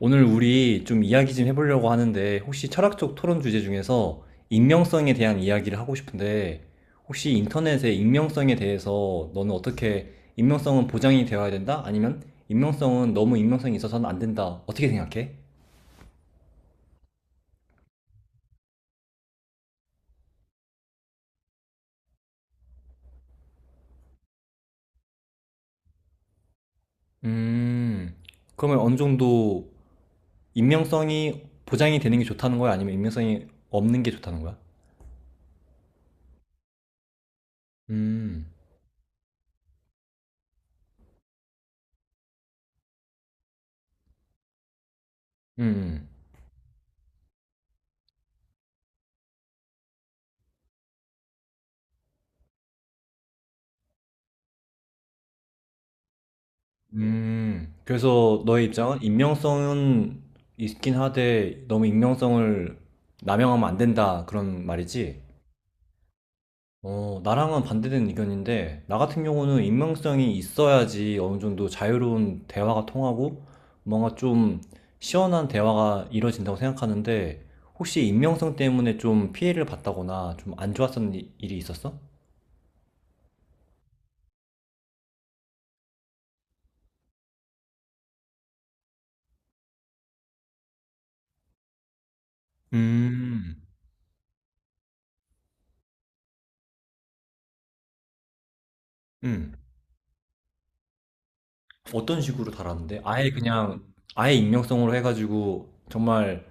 오늘 우리 좀 이야기 좀 해보려고 하는데 혹시 철학적 토론 주제 중에서 익명성에 대한 이야기를 하고 싶은데 혹시 인터넷의 익명성에 대해서 너는 어떻게 익명성은 보장이 되어야 된다? 아니면 익명성은 너무 익명성이 있어서는 안 된다. 어떻게 생각해? 음, 그러면 어느 정도 익명성이 보장이 되는 게 좋다는 거야? 아니면 익명성이 없는 게 좋다는 거야? 음, 음, 음. 그래서 너의 입장은 익명성은 있긴 하되 너무 익명성을 남용하면 안 된다 그런 말이지? 어, 나랑은 반대되는 의견인데 나 같은 경우는 익명성이 있어야지 어느 정도 자유로운 대화가 통하고 뭔가 좀 시원한 대화가 이루어진다고 생각하는데 혹시 익명성 때문에 좀 피해를 봤다거나 좀 안 좋았던 일이 있었어? 음, 음. 어떤 식으로 달았는데? 아예 그냥 아예 익명성으로 해가지고 정말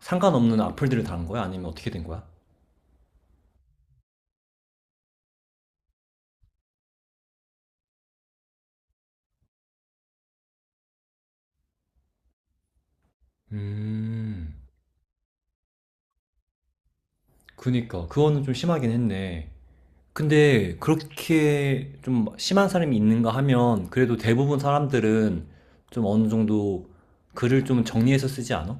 상관없는 악플들을 달은 거야? 아니면 어떻게 된 거야? 음, 그니까 그거는 좀 심하긴 했네. 근데 그렇게 좀 심한 사람이 있는가 하면 그래도 대부분 사람들은 좀 어느 정도 글을 좀 정리해서 쓰지 않아?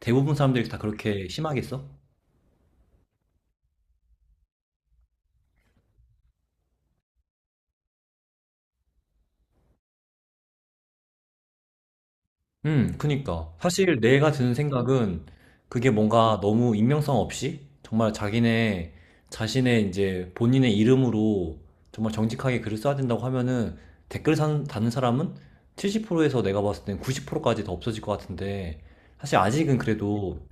대부분 사람들이 다 그렇게 심하게 써? 그니까. 사실 내가 드는 생각은 그게 뭔가 너무 익명성 없이 정말 자기네 자신의 이제 본인의 이름으로 정말 정직하게 글을 써야 된다고 하면은 댓글 다는 사람은 70%에서 내가 봤을 땐 90%까지 더 없어질 것 같은데 사실 아직은 그래도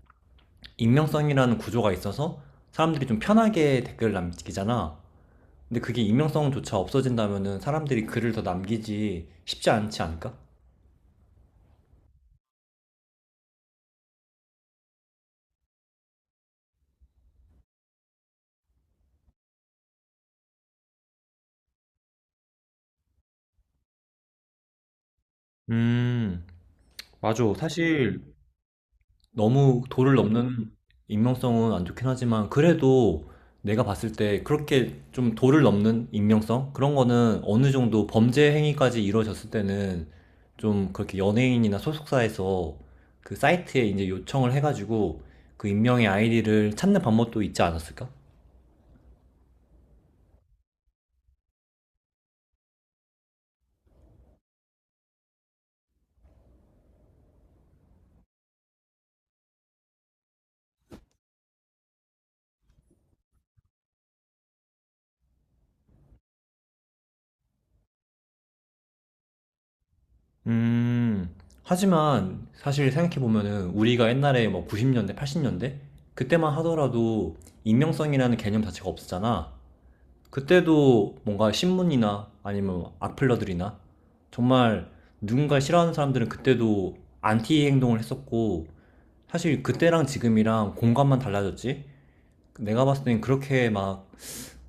익명성이라는 구조가 있어서 사람들이 좀 편하게 댓글을 남기잖아. 근데 그게 익명성조차 없어진다면은 사람들이 글을 더 남기지 쉽지 않지 않을까? 음, 맞아. 사실 너무 도를 넘는 익명성은 안 좋긴 하지만 그래도 내가 봤을 때 그렇게 좀 도를 넘는 익명성? 그런 거는 어느 정도 범죄 행위까지 이루어졌을 때는 좀 그렇게 연예인이나 소속사에서 그 사이트에 이제 요청을 해가지고 그 익명의 아이디를 찾는 방법도 있지 않았을까? 음, 하지만 사실 생각해보면은 우리가 옛날에 뭐 90년대, 80년대? 그때만 하더라도 익명성이라는 개념 자체가 없었잖아. 그때도 뭔가 신문이나 아니면 악플러들이나 정말 누군가 싫어하는 사람들은 그때도 안티 행동을 했었고 사실 그때랑 지금이랑 공간만 달라졌지 내가 봤을 땐 그렇게 막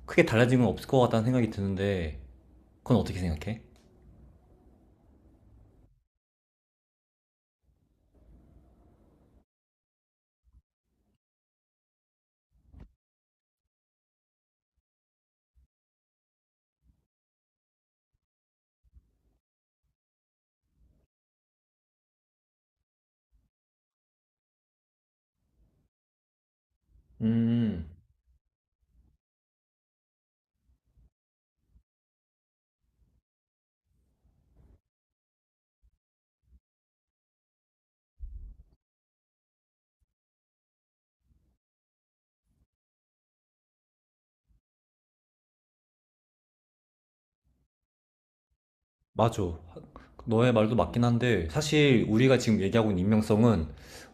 크게 달라진 건 없을 것 같다는 생각이 드는데 그건 어떻게 생각해? 음, 맞아. 너의 말도 맞긴 한데 사실 우리가 지금 얘기하고 있는 익명성은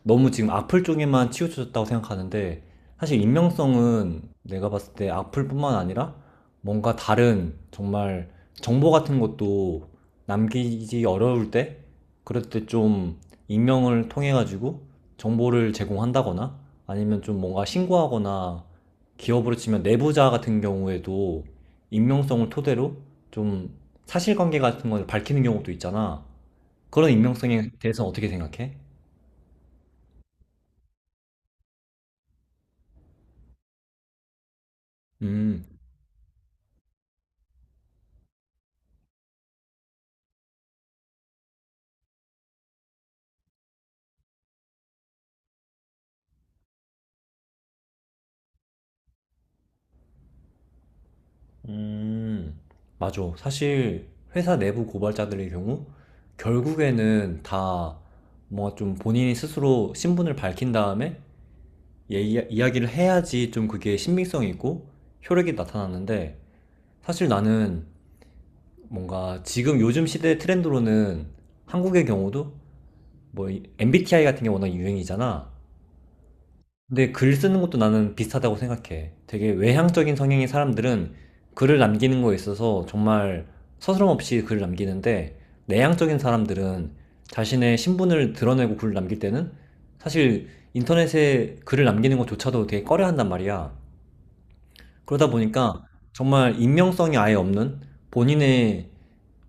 너무 지금 악플 쪽에만 치우쳐졌다고 생각하는데 사실 익명성은 내가 봤을 때 악플뿐만 아니라 뭔가 다른 정말 정보 같은 것도 남기기 어려울 때 그럴 때 좀 익명을 통해 가지고 정보를 제공한다거나 아니면 좀 뭔가 신고하거나 기업으로 치면 내부자 같은 경우에도 익명성을 토대로 좀 사실관계 같은 걸 밝히는 경우도 있잖아. 그런 익명성에 대해서 어떻게 생각해? 음, 음, 맞아. 사실 회사 내부 고발자들의 경우 결국에는 다 뭔가 좀 본인이 스스로 신분을 밝힌 다음에 이야기를 해야지 좀 그게 신빙성이 있고 효력이 나타나는데 사실 나는 뭔가 지금 요즘 시대 트렌드로는 한국의 경우도 뭐 MBTI 같은 게 워낙 유행이잖아. 근데 글 쓰는 것도 나는 비슷하다고 생각해. 되게 외향적인 성향의 사람들은 글을 남기는 거에 있어서 정말 서스럼 없이 글을 남기는데 내향적인 사람들은 자신의 신분을 드러내고 글을 남길 때는 사실 인터넷에 글을 남기는 것조차도 되게 꺼려한단 말이야. 그러다 보니까 정말 익명성이 아예 없는 본인의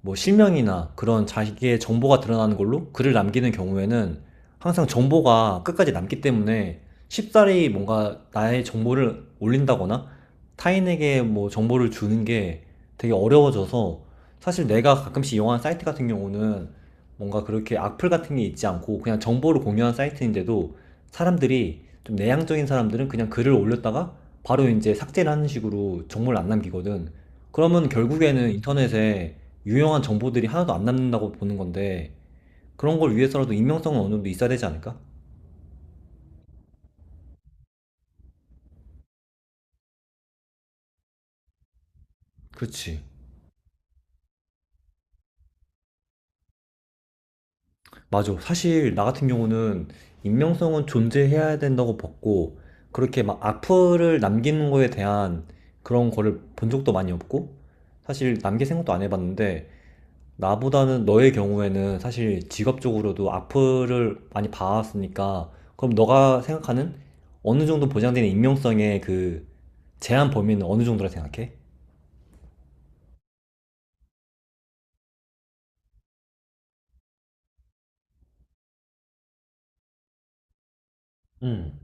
뭐 실명이나 그런 자기의 정보가 드러나는 걸로 글을 남기는 경우에는 항상 정보가 끝까지 남기 때문에 쉽사리 뭔가 나의 정보를 올린다거나 타인에게 뭐 정보를 주는 게 되게 어려워져서 사실 내가 가끔씩 이용하는 사이트 같은 경우는 뭔가 그렇게 악플 같은 게 있지 않고 그냥 정보를 공유하는 사이트인데도 사람들이 좀 내향적인 사람들은 그냥 글을 올렸다가 바로 이제 삭제를 하는 식으로 정보를 안 남기거든. 그러면 결국에는 인터넷에 유용한 정보들이 하나도 안 남는다고 보는 건데 그런 걸 위해서라도 익명성은 어느 정도 있어야 되지 않을까? 그렇지. 맞아. 사실 나 같은 경우는 익명성은 존재해야 된다고 봤고 그렇게 막 악플을 남기는 거에 대한 그런 거를 본 적도 많이 없고 사실 남길 생각도 안 해봤는데 나보다는 너의 경우에는 사실 직업적으로도 악플을 많이 봐왔으니까 그럼 너가 생각하는 어느 정도 보장되는 익명성의 그 제한 범위는 어느 정도라 생각해? 음.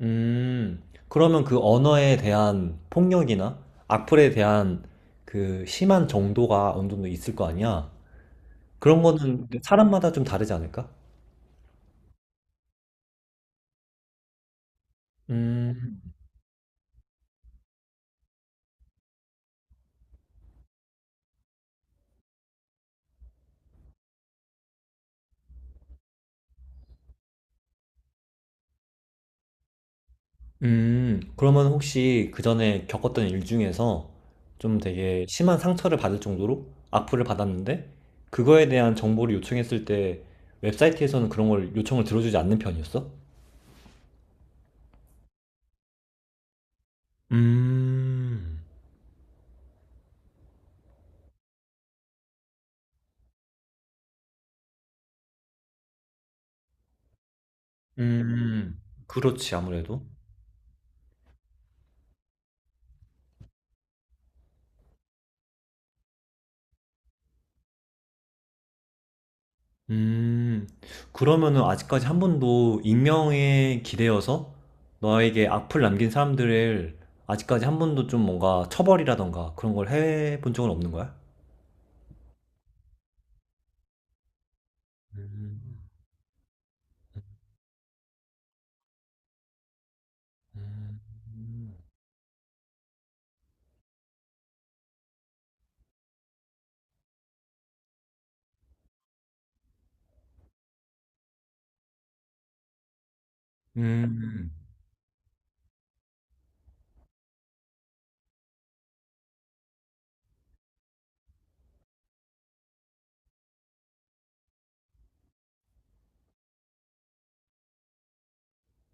그러면 그 언어에 대한 폭력이나 악플에 대한 그 심한 정도가 어느 정도 있을 거 아니야? 그런 거는 사람마다 좀 다르지 않을까? 음, 그러면 혹시 그 전에 겪었던 일 중에서 좀 되게 심한 상처를 받을 정도로 악플을 받았는데 그거에 대한 정보를 요청했을 때 웹사이트에서는 그런 걸 요청을 들어주지 않는 편이었어? 음, 음, 그렇지, 아무래도. 음, 그러면은 아직까지 한 번도 익명에 기대어서 너에게 악플 남긴 사람들을 아직까지 한 번도 좀 뭔가 처벌이라던가 그런 걸 해본 적은 없는 거야? 음, 음,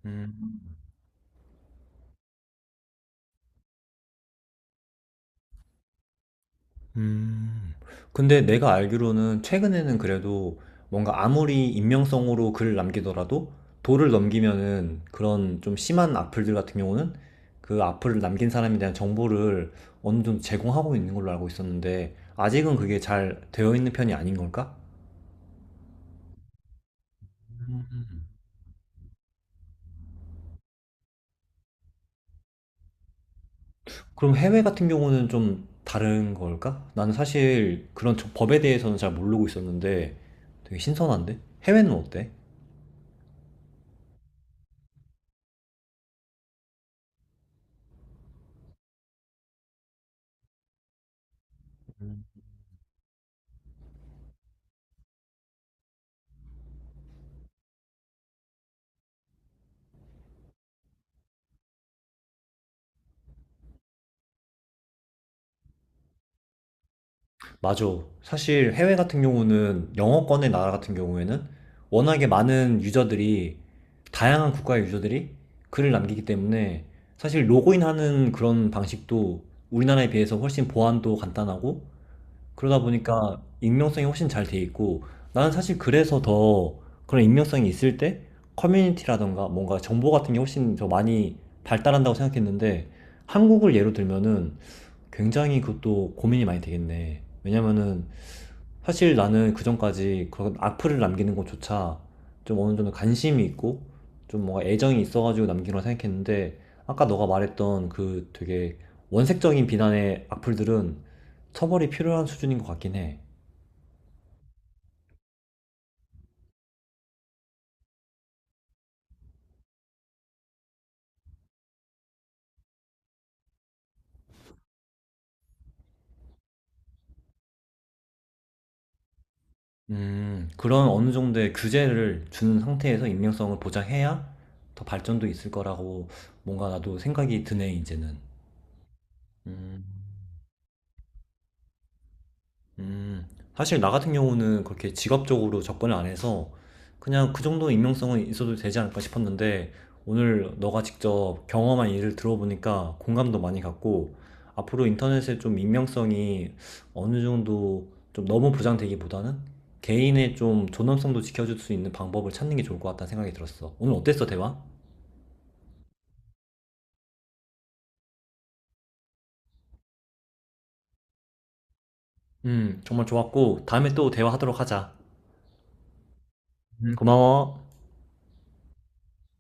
음. 음. 근데 내가 알기로는 최근에는 그래도 뭔가 아무리 익명성으로 글을 남기더라도 도를 넘기면은 그런 좀 심한 악플들 같은 경우는 그 악플을 남긴 사람에 대한 정보를 어느 정도 제공하고 있는 걸로 알고 있었는데 아직은 그게 잘 되어 있는 편이 아닌 걸까? 그럼 해외 같은 경우는 좀 다른 걸까? 나는 사실 그런 법에 대해서는 잘 모르고 있었는데 되게 신선한데? 해외는 어때? 맞아. 사실 해외 같은 경우는 영어권의 나라 같은 경우에는 워낙에 많은 유저들이 다양한 국가의 유저들이 글을 남기기 때문에 사실 로그인하는 그런 방식도 우리나라에 비해서 훨씬 보안도 간단하고 그러다 보니까 익명성이 훨씬 잘 돼 있고 나는 사실 그래서 더 그런 익명성이 있을 때 커뮤니티라던가 뭔가 정보 같은 게 훨씬 더 많이 발달한다고 생각했는데 한국을 예로 들면은 굉장히 그것도 고민이 많이 되겠네. 왜냐면은 사실 나는 그전까지 그런 악플을 남기는 것조차 좀 어느 정도 관심이 있고 좀 뭔가 애정이 있어가지고 남기는고 생각했는데 아까 너가 말했던 그 되게 원색적인 비난의 악플들은 처벌이 필요한 수준인 것 같긴 해. 그런 어느 정도의 규제를 주는 상태에서 익명성을 보장해야 더 발전도 있을 거라고 뭔가 나도 생각이 드네, 이제는. 음. 음. 사실 나 같은 경우는 그렇게 직업적으로 접근을 안 해서 그냥 그 정도 익명성은 있어도 되지 않을까 싶었는데 오늘 너가 직접 경험한 일을 들어보니까 공감도 많이 갔고 앞으로 인터넷에 좀 익명성이 어느 정도 좀 너무 보장되기보다는 개인의 좀 존엄성도 지켜줄 수 있는 방법을 찾는 게 좋을 것 같다는 생각이 들었어. 오늘 어땠어, 대화? 정말 좋았고 다음에 또 대화하도록 하자. 고마워.